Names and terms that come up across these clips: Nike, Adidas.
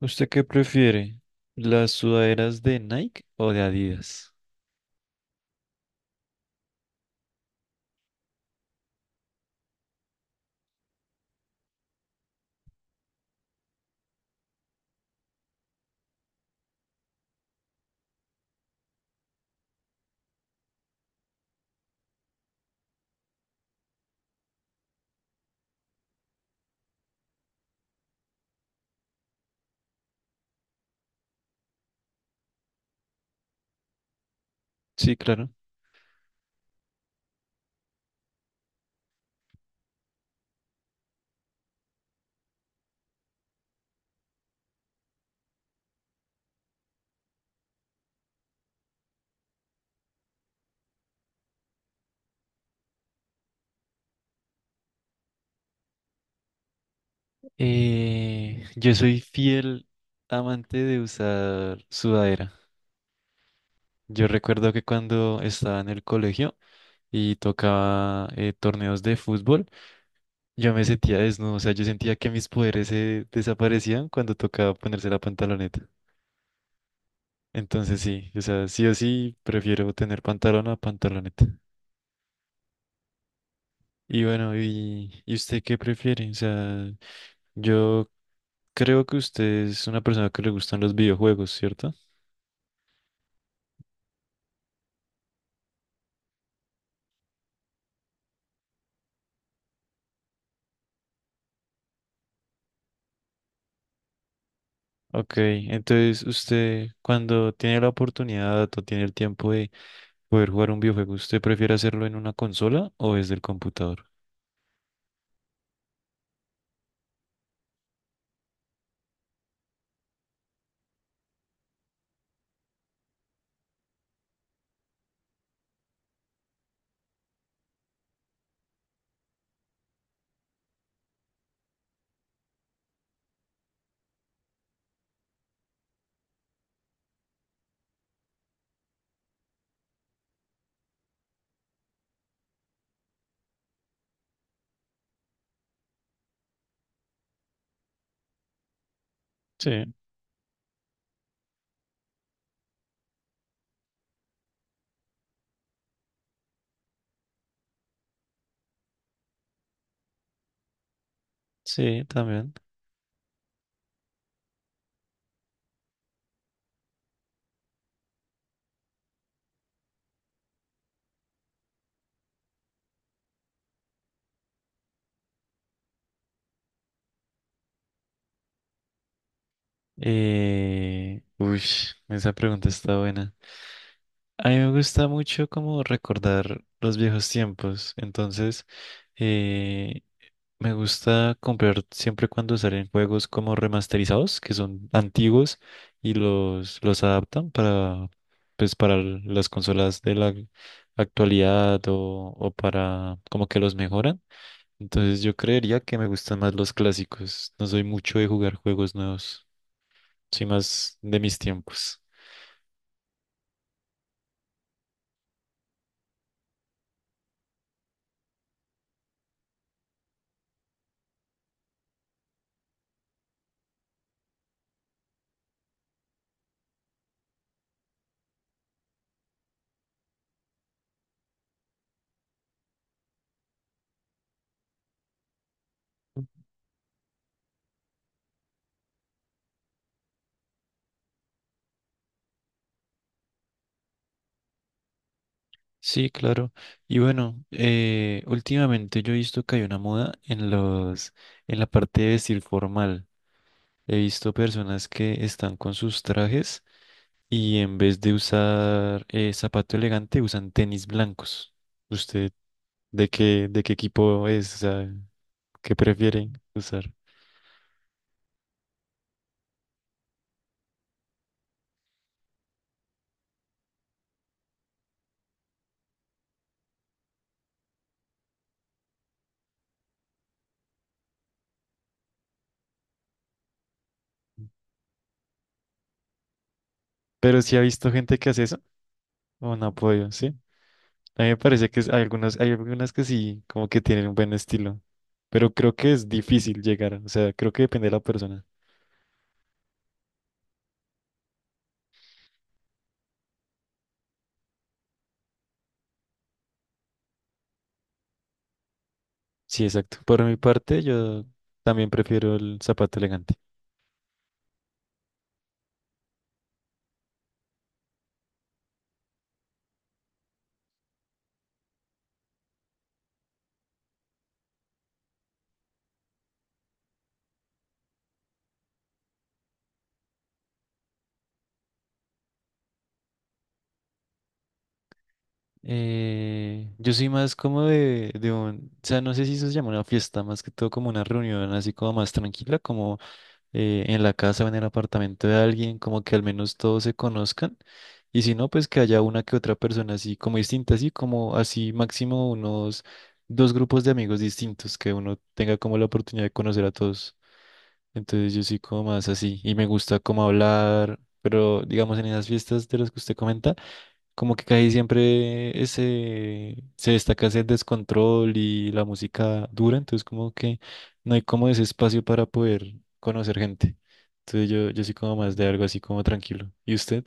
¿Usted qué prefiere? ¿Las sudaderas de Nike o de Adidas? Sí, claro. Yo soy fiel amante de usar sudadera. Yo recuerdo que cuando estaba en el colegio y tocaba torneos de fútbol, yo me sentía desnudo, o sea, yo sentía que mis poderes se desaparecían cuando tocaba ponerse la pantaloneta. Entonces sí, o sea, sí o sí prefiero tener pantalón a pantaloneta. Y bueno, ¿y usted qué prefiere? O sea, yo creo que usted es una persona que le gustan los videojuegos, ¿cierto? Ok, entonces usted cuando tiene la oportunidad o tiene el tiempo de poder jugar un videojuego, ¿usted prefiere hacerlo en una consola o desde el computador? Sí, sí, también. Uy, esa pregunta está buena. A mí me gusta mucho como recordar los viejos tiempos, entonces eh, me gusta comprar siempre cuando salen juegos como remasterizados, que son antiguos y los adaptan para, pues, para l- las consolas de la actualidad o para como que los mejoran. Entonces yo creería que me gustan más los clásicos, no soy mucho de jugar juegos nuevos, soy más de mis tiempos. Sí, claro. Y bueno, últimamente yo he visto que hay una moda en en la parte de vestir formal. He visto personas que están con sus trajes y en vez de usar zapato elegante usan tenis blancos. ¿Usted de qué equipo es? O sea, ¿qué prefieren usar? Pero sí ha visto gente que hace eso, o no ha, ¿sí? A mí me parece que es- hay algunas que sí, como que tienen un buen estilo, pero creo que es difícil llegar, o sea, creo que depende de la persona. Sí, exacto. Por mi parte, yo también prefiero el zapato elegante. Yo soy más como de un, o sea, no sé si eso se llama una fiesta, más que todo como una reunión así como más tranquila, como en la casa o en el apartamento de alguien, como que al menos todos se conozcan. Y si no, pues que haya una que otra persona así como distinta, así como así máximo unos dos grupos de amigos distintos, que uno tenga como la oportunidad de conocer a todos. Entonces yo soy como más así y me gusta como hablar, pero digamos en esas fiestas de las que usted comenta. Como que casi siempre ese, se destaca ese descontrol y la música dura, entonces como que no hay como ese espacio para poder conocer gente. Entonces yo soy como más de algo así como tranquilo. ¿Y usted?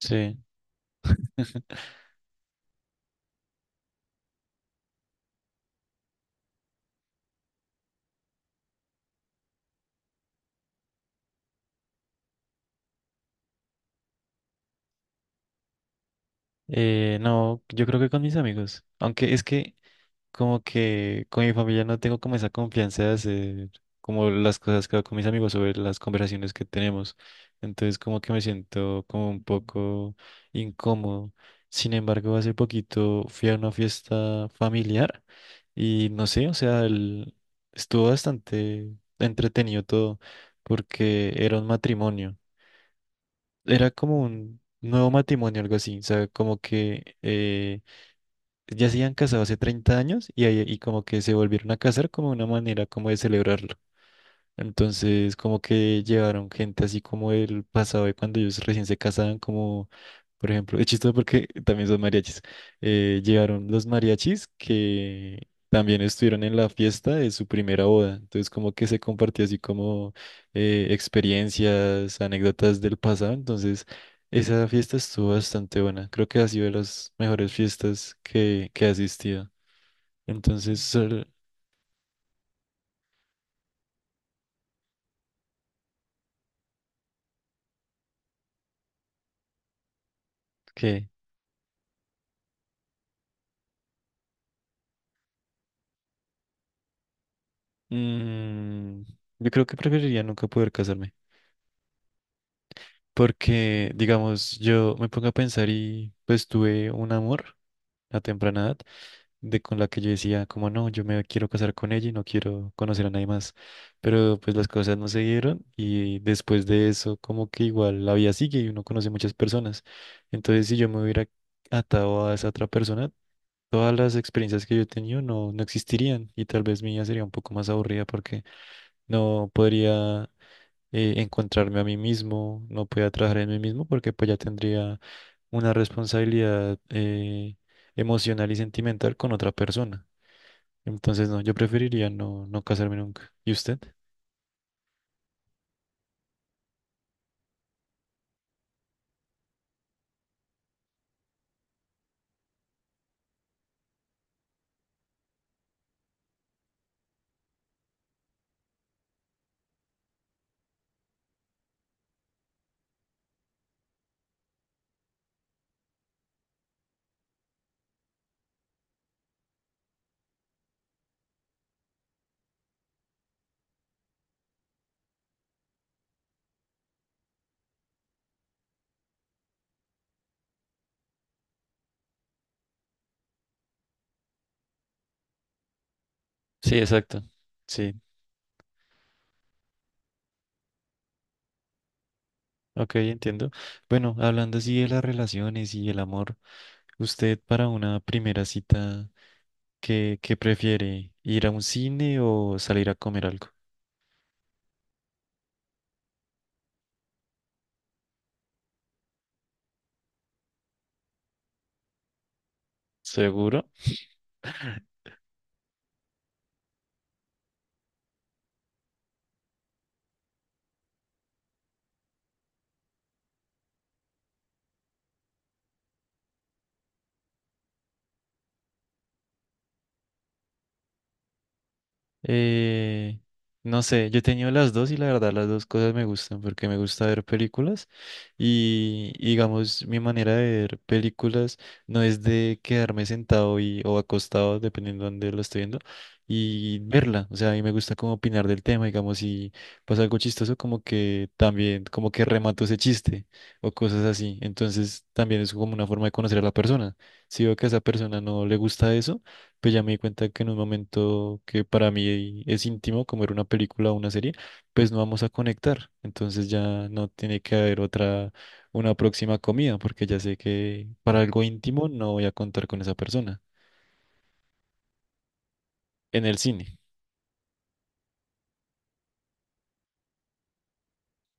Sí. No, yo creo que con mis amigos. Aunque es que como que con mi familia no tengo como esa confianza de hacer como las cosas que hago con mis amigos sobre las conversaciones que tenemos. Entonces como que me siento como un poco incómodo. Sin embargo, hace poquito fui a una fiesta familiar y no sé, o sea, el- estuvo bastante entretenido todo porque era un matrimonio. Era como un nuevo matrimonio, algo así. O sea, como que... ya se habían casado hace 30 años y, ahí- y como que se volvieron a casar como una manera como de celebrar entonces, como que llevaron gente así como el pasado de cuando ellos recién se casaban, como por ejemplo, es chistoso porque también son mariachis. Llegaron los mariachis que también estuvieron en la fiesta de su primera boda. Entonces, como que se compartió así como experiencias, anécdotas del pasado. Entonces, esa fiesta estuvo bastante buena. Creo que ha sido de las mejores fiestas que he asistido. Entonces, sol- ¿qué? Mm, yo creo que preferiría nunca poder casarme, porque, digamos, yo me pongo a pensar y pues tuve un amor a temprana edad de con la que yo decía, como no, yo me quiero casar con ella y no quiero conocer a nadie más, pero pues las cosas no se dieron y después de eso como que igual la vida sigue y uno conoce muchas personas, entonces si yo me hubiera atado a esa otra persona, todas las experiencias que yo he tenido no existirían y tal vez mi vida sería un poco más aburrida porque no podría encontrarme a mí mismo, no podía trabajar en mí mismo porque pues ya tendría una responsabilidad emocional y sentimental con otra persona. Entonces, no, yo preferiría no casarme nunca. ¿Y usted? Sí, exacto. Sí, ok, entiendo. Bueno, hablando así de las relaciones y el amor, ¿usted para una primera cita qué prefiere? ¿Ir a un cine o salir a comer algo? ¿Seguro? Eh, no sé, yo he tenido las dos y la verdad las dos cosas me gustan porque me gusta ver películas y digamos mi manera de ver películas no es de quedarme sentado o acostado, dependiendo de dónde lo estoy viendo, y verla. O sea, a mí me gusta como opinar del tema, digamos, si pasa algo chistoso como que también como que remato ese chiste o cosas así. Entonces también es como una forma de conocer a la persona. Si veo que a esa persona no le gusta eso, pues ya me di cuenta que en un momento que para mí es íntimo, como era una película o una serie, pues no vamos a conectar. Entonces ya no tiene que haber otra, una próxima comida, porque ya sé que para algo íntimo no voy a contar con esa persona en el cine.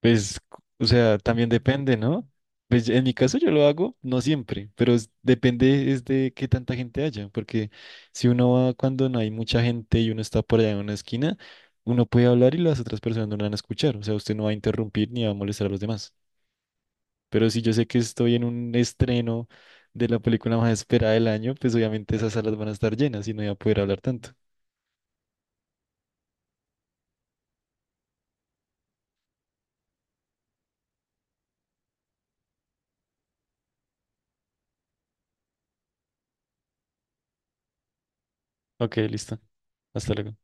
Pues, o sea, también depende, ¿no? Pues en mi caso yo lo hago, no siempre, pero es- depende es de qué tanta gente haya, porque si uno va cuando no hay mucha gente y uno está por allá en una esquina, uno puede hablar y las otras personas no lo van a escuchar, o sea, usted no va a interrumpir ni va a molestar a los demás. Pero si yo sé que estoy en un estreno de la película más esperada del año, pues obviamente esas salas van a estar llenas y no voy a poder hablar tanto. Ok, listo. Hasta luego.